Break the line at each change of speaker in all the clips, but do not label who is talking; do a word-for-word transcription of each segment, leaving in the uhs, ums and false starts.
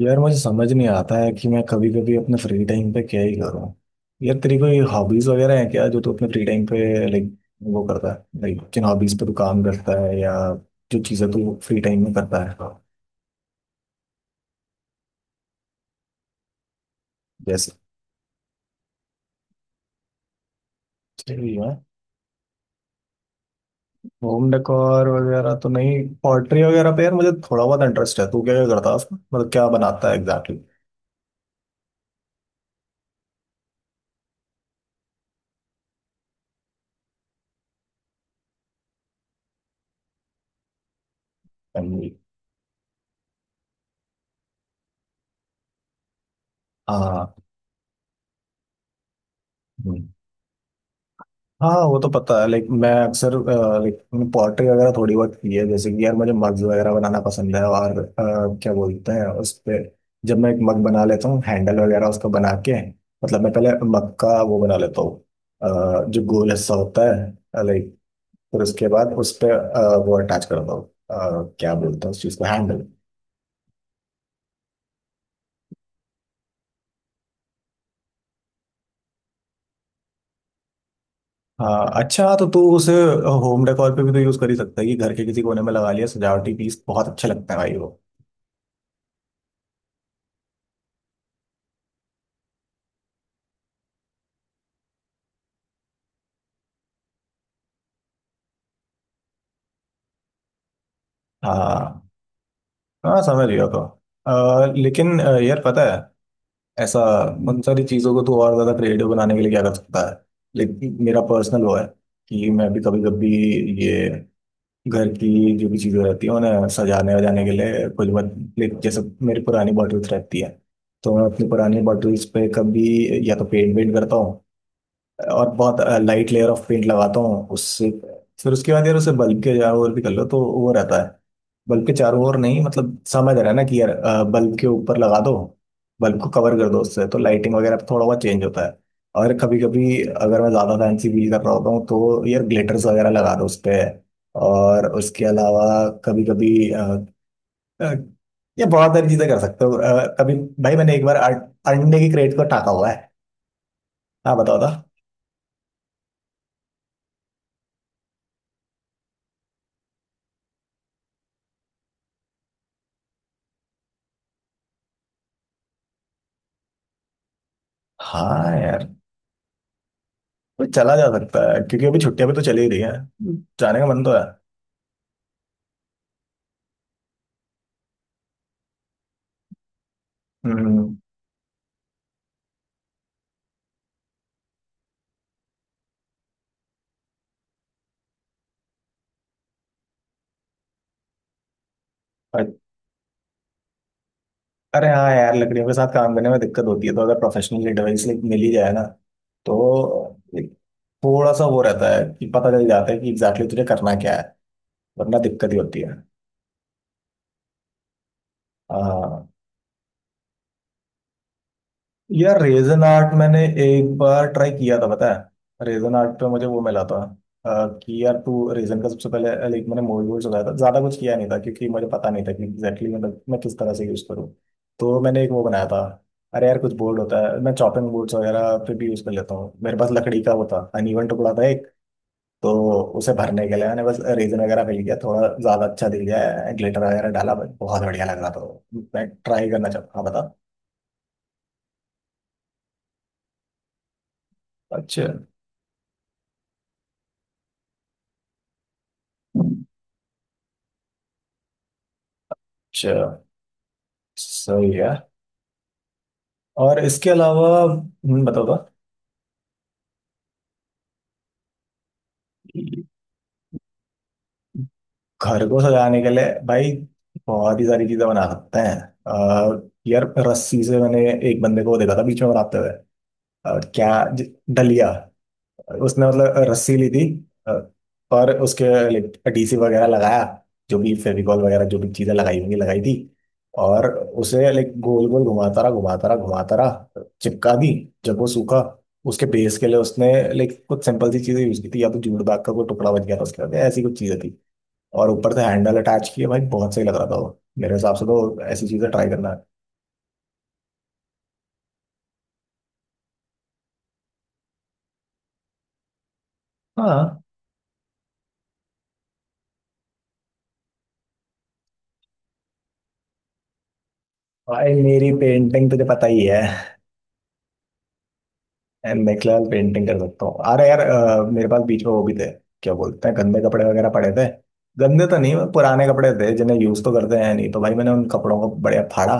यार मुझे समझ नहीं आता है कि मैं कभी कभी अपने फ्री टाइम पे क्या ही करूँ। यार तेरी कोई हॉबीज वगैरह है क्या जो तू अपने फ्री टाइम पे लाइक वो करता है? लाइक किन हॉबीज पे तू काम करता है या जो चीज़ें तू फ्री टाइम में करता है? जैसे सही है। होम डेकोर वगैरह तो नहीं। पॉटरी वगैरह पे यार मुझे थोड़ा बहुत इंटरेस्ट है। तू क्या क्या करता है उसमें? मतलब क्या बनाता है एग्जैक्टली? हाँ हाँ, वो तो पता है। लाइक मैं अक्सर लाइक पॉटरी वगैरह थोड़ी बहुत की है। जैसे कि यार मुझे मग्स वगैरह बनाना पसंद है। और अ, क्या बोलते हैं उस पे, जब मैं एक मग बना लेता हूँ, हैंडल वगैरह उसको बना के। मतलब मैं पहले मग का वो बना लेता हूँ, अ, जो गोल हिस्सा होता है लाइक। फिर उसके बाद उस पे अ, वो अटैच करता हूँ। अ, क्या बोलते हैं उस चीज़ को, हैंडल। हाँ अच्छा तो तू उसे होम डेकोर पे भी तो यूज़ कर ही सकता है कि घर के किसी कोने में लगा लिया, सजावटी पीस बहुत अच्छा लगता है भाई वो। हाँ हाँ, समझ गया। तो अ, लेकिन अ, यार पता है, ऐसा उन सारी चीज़ों को तो और ज़्यादा क्रिएटिव बनाने के लिए क्या कर सकता है? लेकिन मेरा पर्सनल वो है कि मैं भी कभी कभी ये घर की जो भी चीज़ें रहती हैं उन्हें सजाने वजाने के लिए कुछ मत। लाइक जैसे मेरी पुरानी बॉटल्स रहती है, तो मैं अपनी पुरानी बॉटल्स पे कभी या तो पेंट वेंट करता हूँ, और बहुत लाइट लेयर ऑफ पेंट लगाता हूँ उससे। फिर उसके बाद यार उसे बल्ब के चारों ओर भी कर लो तो वो रहता है। बल्ब के चारों ओर नहीं, मतलब समझ रहा है ना कि यार बल्ब के ऊपर लगा दो, बल्ब को कवर कर दो उससे, तो लाइटिंग वगैरह पे थोड़ा बहुत चेंज होता है। और कभी कभी अगर मैं ज़्यादा फैंसी फील कर रहा होता हूँ तो यार ग्लिटर्स वगैरह लगा दो उस पर। और उसके अलावा कभी कभी ये बहुत सारी चीज़ें कर सकते हो। अ, कभी भाई मैंने एक बार अं, अंडे की क्रेट को टाका हुआ है। हाँ बताओ था। हाँ यार, तो चला जा सकता है क्योंकि अभी छुट्टियां भी तो चली ही रही है। जाने का मन तो है। हम्म। अ- अरे हाँ यार, लकड़ियों के साथ काम करने में दिक्कत होती है, तो अगर प्रोफेशनल एडवाइस मिल ही जाए ना, तो एक थोड़ा सा वो रहता है कि पता चल जाता है कि एग्जैक्टली exactly तुझे करना क्या है, वरना दिक्कत ही होती है। हाँ यार, रेजन आर्ट मैंने एक बार ट्राई किया था, पता है रेजन आर्ट पे मुझे वो मिला था, अ, कि यार तू रेजन का सबसे पहले लाइक मैंने मोल्ड वोल्ड चलाया था, ज्यादा कुछ किया नहीं था क्योंकि मुझे पता नहीं था कि एग्जैक्टली मतलब मैं किस तरह से यूज करूँ। तो मैंने एक वो बनाया था। अरे यार कुछ बोर्ड होता है, मैं चॉपिंग बोर्ड्स वगैरह पे भी यूज कर लेता हूँ। मेरे पास लकड़ी का वो था, अनइवन टुकड़ा था एक, तो उसे भरने के लिए मैंने बस रेजन वगैरह मिल गया थोड़ा, ज्यादा अच्छा दिख गया, ग्लिटर वगैरह डाला, बहुत बढ़िया लग रहा था वो। मैं ट्राई करना चाहता हाँ, बता। अच्छा अच्छा। सही है। और इसके अलावा हम्म, बताओ तो। घर को सजाने के लिए भाई बहुत ही सारी चीजें बना सकते हैं। अ, यार रस्सी से मैंने एक बंदे को देखा था बीच में बनाते हुए, और क्या ज- डलिया। उसने मतलब रस्सी ली थी, अ, और उसके लाइक डीसी वगैरह लगाया, जो भी फेविकॉल वगैरह जो भी चीजें लगाई होंगी लगाई थी, और उसे लाइक गोल गोल घुमाता रहा घुमाता रहा घुमाता रहा चिपका दी। जब वो सूखा, उसके बेस के लिए उसने लाइक कुछ सिंपल सी चीजें यूज की थी, या तो जूट बैग का कोई टुकड़ा बच गया था उसके बाद, ऐसी कुछ चीजें थी। और ऊपर से हैंडल अटैच किए, भाई बहुत सही लग रहा था वो, मेरे हिसाब से तो ऐसी चीजें ट्राई करना है। हाँ भाई, मेरी पेंटिंग तुझे पता ही है। यार मैं फिलहाल पेंटिंग कर सकता हूँ। अरे यार अ, मेरे पास बीच में वो भी थे, क्या बोलते हैं, गंदे कपड़े वगैरह पड़े थे। गंदे तो नहीं, पुराने कपड़े थे, जिन्हें यूज तो करते हैं नहीं, तो भाई मैंने उन कपड़ों को बढ़िया फाड़ा।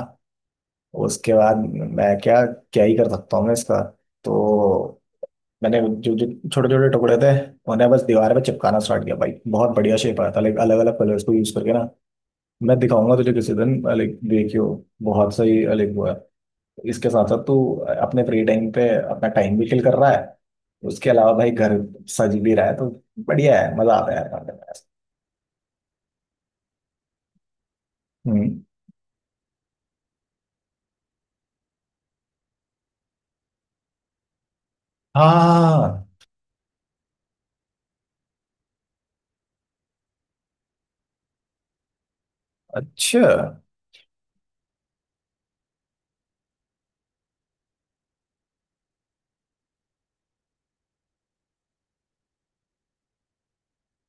उसके बाद मैं क्या क्या ही कर सकता हूँ मैं इसका? तो मैंने जो जो छोटे छोटे टुकड़े थे, उन्हें बस दीवार पे चिपकाना स्टार्ट किया। भाई बहुत बढ़िया शेप आया था, लाइक अलग अलग कलर्स को यूज करके ना। मैं दिखाऊंगा तुझे किसी दिन, लाइक देखियो, बहुत सही लाइक वो है। इसके साथ साथ तू अपने फ्री टाइम पे अपना टाइम भी किल कर रहा है, उसके अलावा भाई घर सज भी रहा है, तो बढ़िया है, मजा आता है यार खाने में। हम्म। हाँ। अच्छा।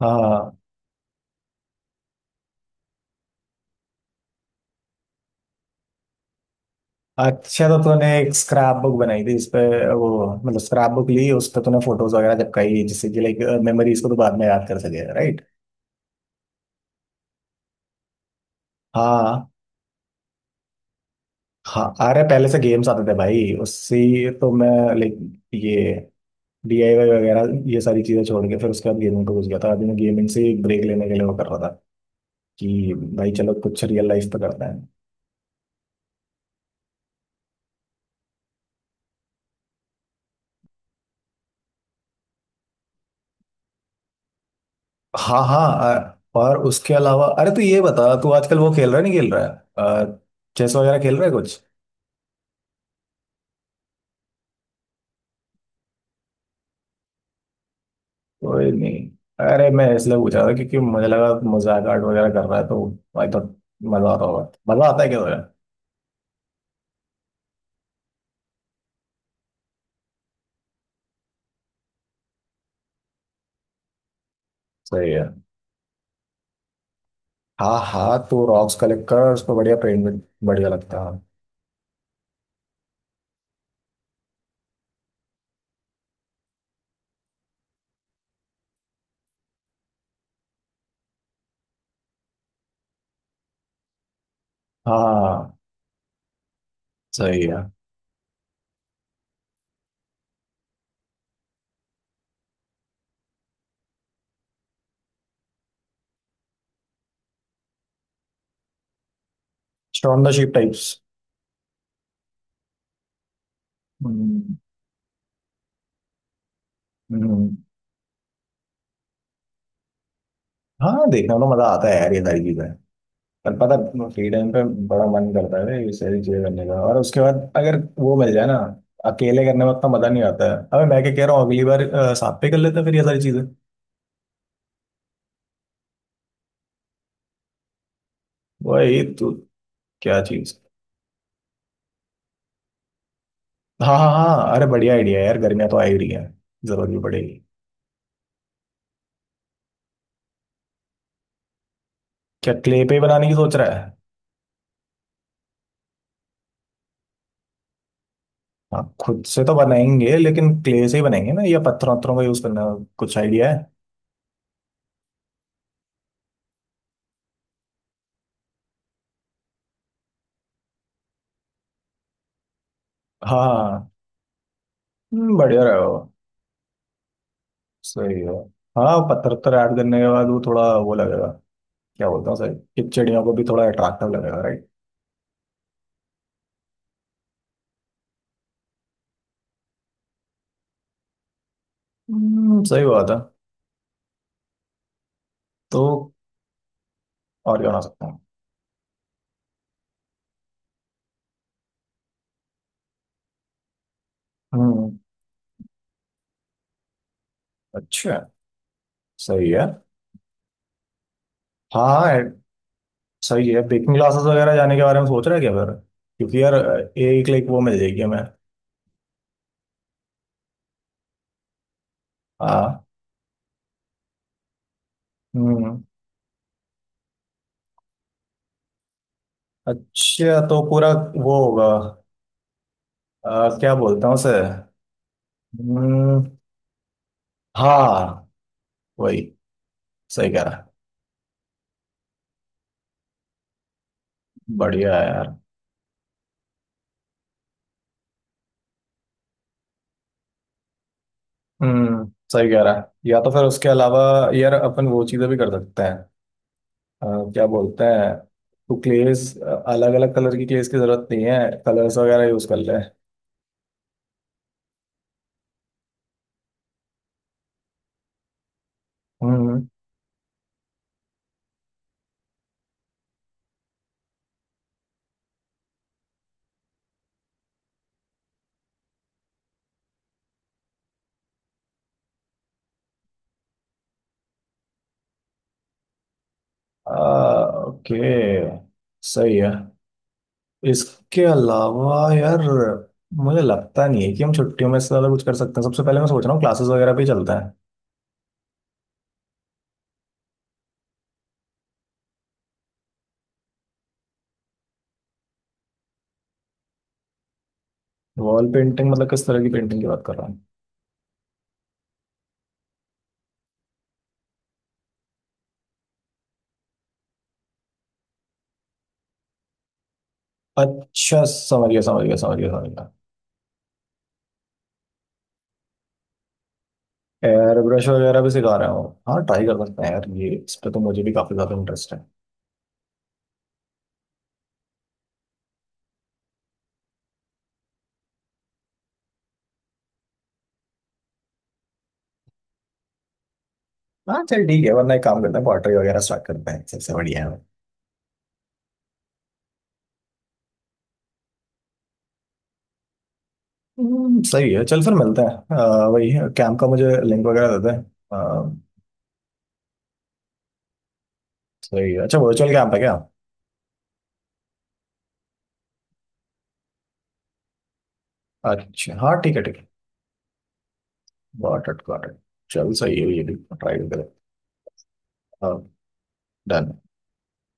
हाँ अच्छा, तो तूने एक स्क्रैप बुक बनाई थी जिसपे वो, मतलब स्क्रैप बुक ली, उस पे तूने फोटोज वगैरह चिपकाई, जिससे कि लाइक मेमोरीज को तो बाद में याद कर सके, राइट? हाँ हाँ, अरे पहले से गेम्स आते थे भाई उससे, तो मैं लाइक ये डीआईवाई वगैरह ये सारी चीजें छोड़ के फिर उसके बाद गेमिंग पे घुस गया था। अभी मैं गेमिंग से ब्रेक लेने के लिए वो कर रहा था कि भाई चलो कुछ रियल लाइफ पे करते हैं। हाँ हाँ अ- और उसके अलावा अरे, तो ये बता तू आजकल वो खेल रहा है नहीं खेल रहा है? अ, चेस वगैरह खेल रहा है कुछ? कोई नहीं, अरे मैं इसलिए पूछा था क्योंकि मुझे लगा मजाक आर्ट वगैरह कर रहा है तो आई थॉट मजा आता होगा। मजा आता है क्या तुझे? सही है। हाँ हाँ, तो रॉक्स कलेक्ट कर उस पर बढ़िया पेंट बढ़िया लगता है। हाँ। सही है। Stone the ship types. हम्म। हम्म। हाँ देखने में तो मजा आता है यार ये सारी, पर पता है, फ्री टाइम पे बड़ा मन करता है ना ये सारी चीजें करने का, और उसके बाद अगर वो मिल जाए ना, अकेले करने में उतना मजा नहीं आता है। अबे मैं क्या कह रहा हूँ, अगली बार अ, साथ पे कर लेते हैं फिर ये सारी चीजें। वही तो। क्या चीज? हाँ हाँ हाँ अरे, बढ़िया आइडिया है यार, गर्मियाँ तो आ ही रही है, जरूरत भी पड़ेगी। क्या क्ले पे ही बनाने की सोच रहा है? हाँ खुद से तो बनाएंगे, लेकिन क्ले से ही बनाएंगे ना या पत्थरों वत्थरों का यूज करना? कुछ आइडिया है? हाँ हाँ। हम्म, बढ़िया रहे हो। सही है। हाँ पत्थर वत्थर ऐड करने के बाद वो थोड़ा वो लगेगा, क्या बोलता हूँ सर, एक चिड़िया को भी थोड़ा अट्रैक्टिव लगेगा, राइट? हम्म, सही बात है। तो और क्या बना सकता हूँ? हम्म। अच्छा। सही है। हाँ एड- सही है। बेकिंग क्लासेस वगैरह जाने के बारे में सोच रहा है क्या फिर? क्योंकि यार एक लाइक वो मिल जाएगी हमें। हाँ। हम्म। अच्छा तो पूरा वो होगा? आ, क्या बोलता हूँ सर। हम्म। हाँ वही, सही कह रहा है। बढ़िया है यार। हम्म, सही कह रहा है। या तो फिर उसके अलावा यार अपन वो चीजें भी कर सकते हैं। अ, क्या बोलते हैं, तो क्लेस अलग अलग कलर की क्लेस की जरूरत नहीं है, कलर्स वगैरह यूज कर ले। हम्म। ओके। सही है। इसके अलावा यार मुझे लगता नहीं है कि हम छुट्टियों में इससे ज्यादा कुछ कर सकते हैं। सबसे पहले मैं सोच रहा हूँ क्लासेस वगैरह पे ही चलता है। वॉल पेंटिंग मतलब किस तरह की पेंटिंग की बात कर रहा हूँ? अच्छा, समझ गया समझ गया समझ गया समझ गया। एयर ब्रश वगैरह भी सिखा रहे हो? हाँ ट्राई कर सकते हैं यार, ये इस पे तो मुझे भी काफी ज्यादा इंटरेस्ट है। हाँ चल ठीक है, वरना एक काम करते हैं पॉटरी वगैरह स्टार्ट करते हैं, सबसे बढ़िया है। हम्म, सही है। चल फिर मिलते हैं। आ, वही कैंप का मुझे लिंक वगैरह देते हैं। आ, सही है। अच्छा वर्चुअल कैंप है क्या? अच्छा, हाँ ठीक है ठीक है। Got it got it. चल सही है, ये भी ट्राई करें। डन।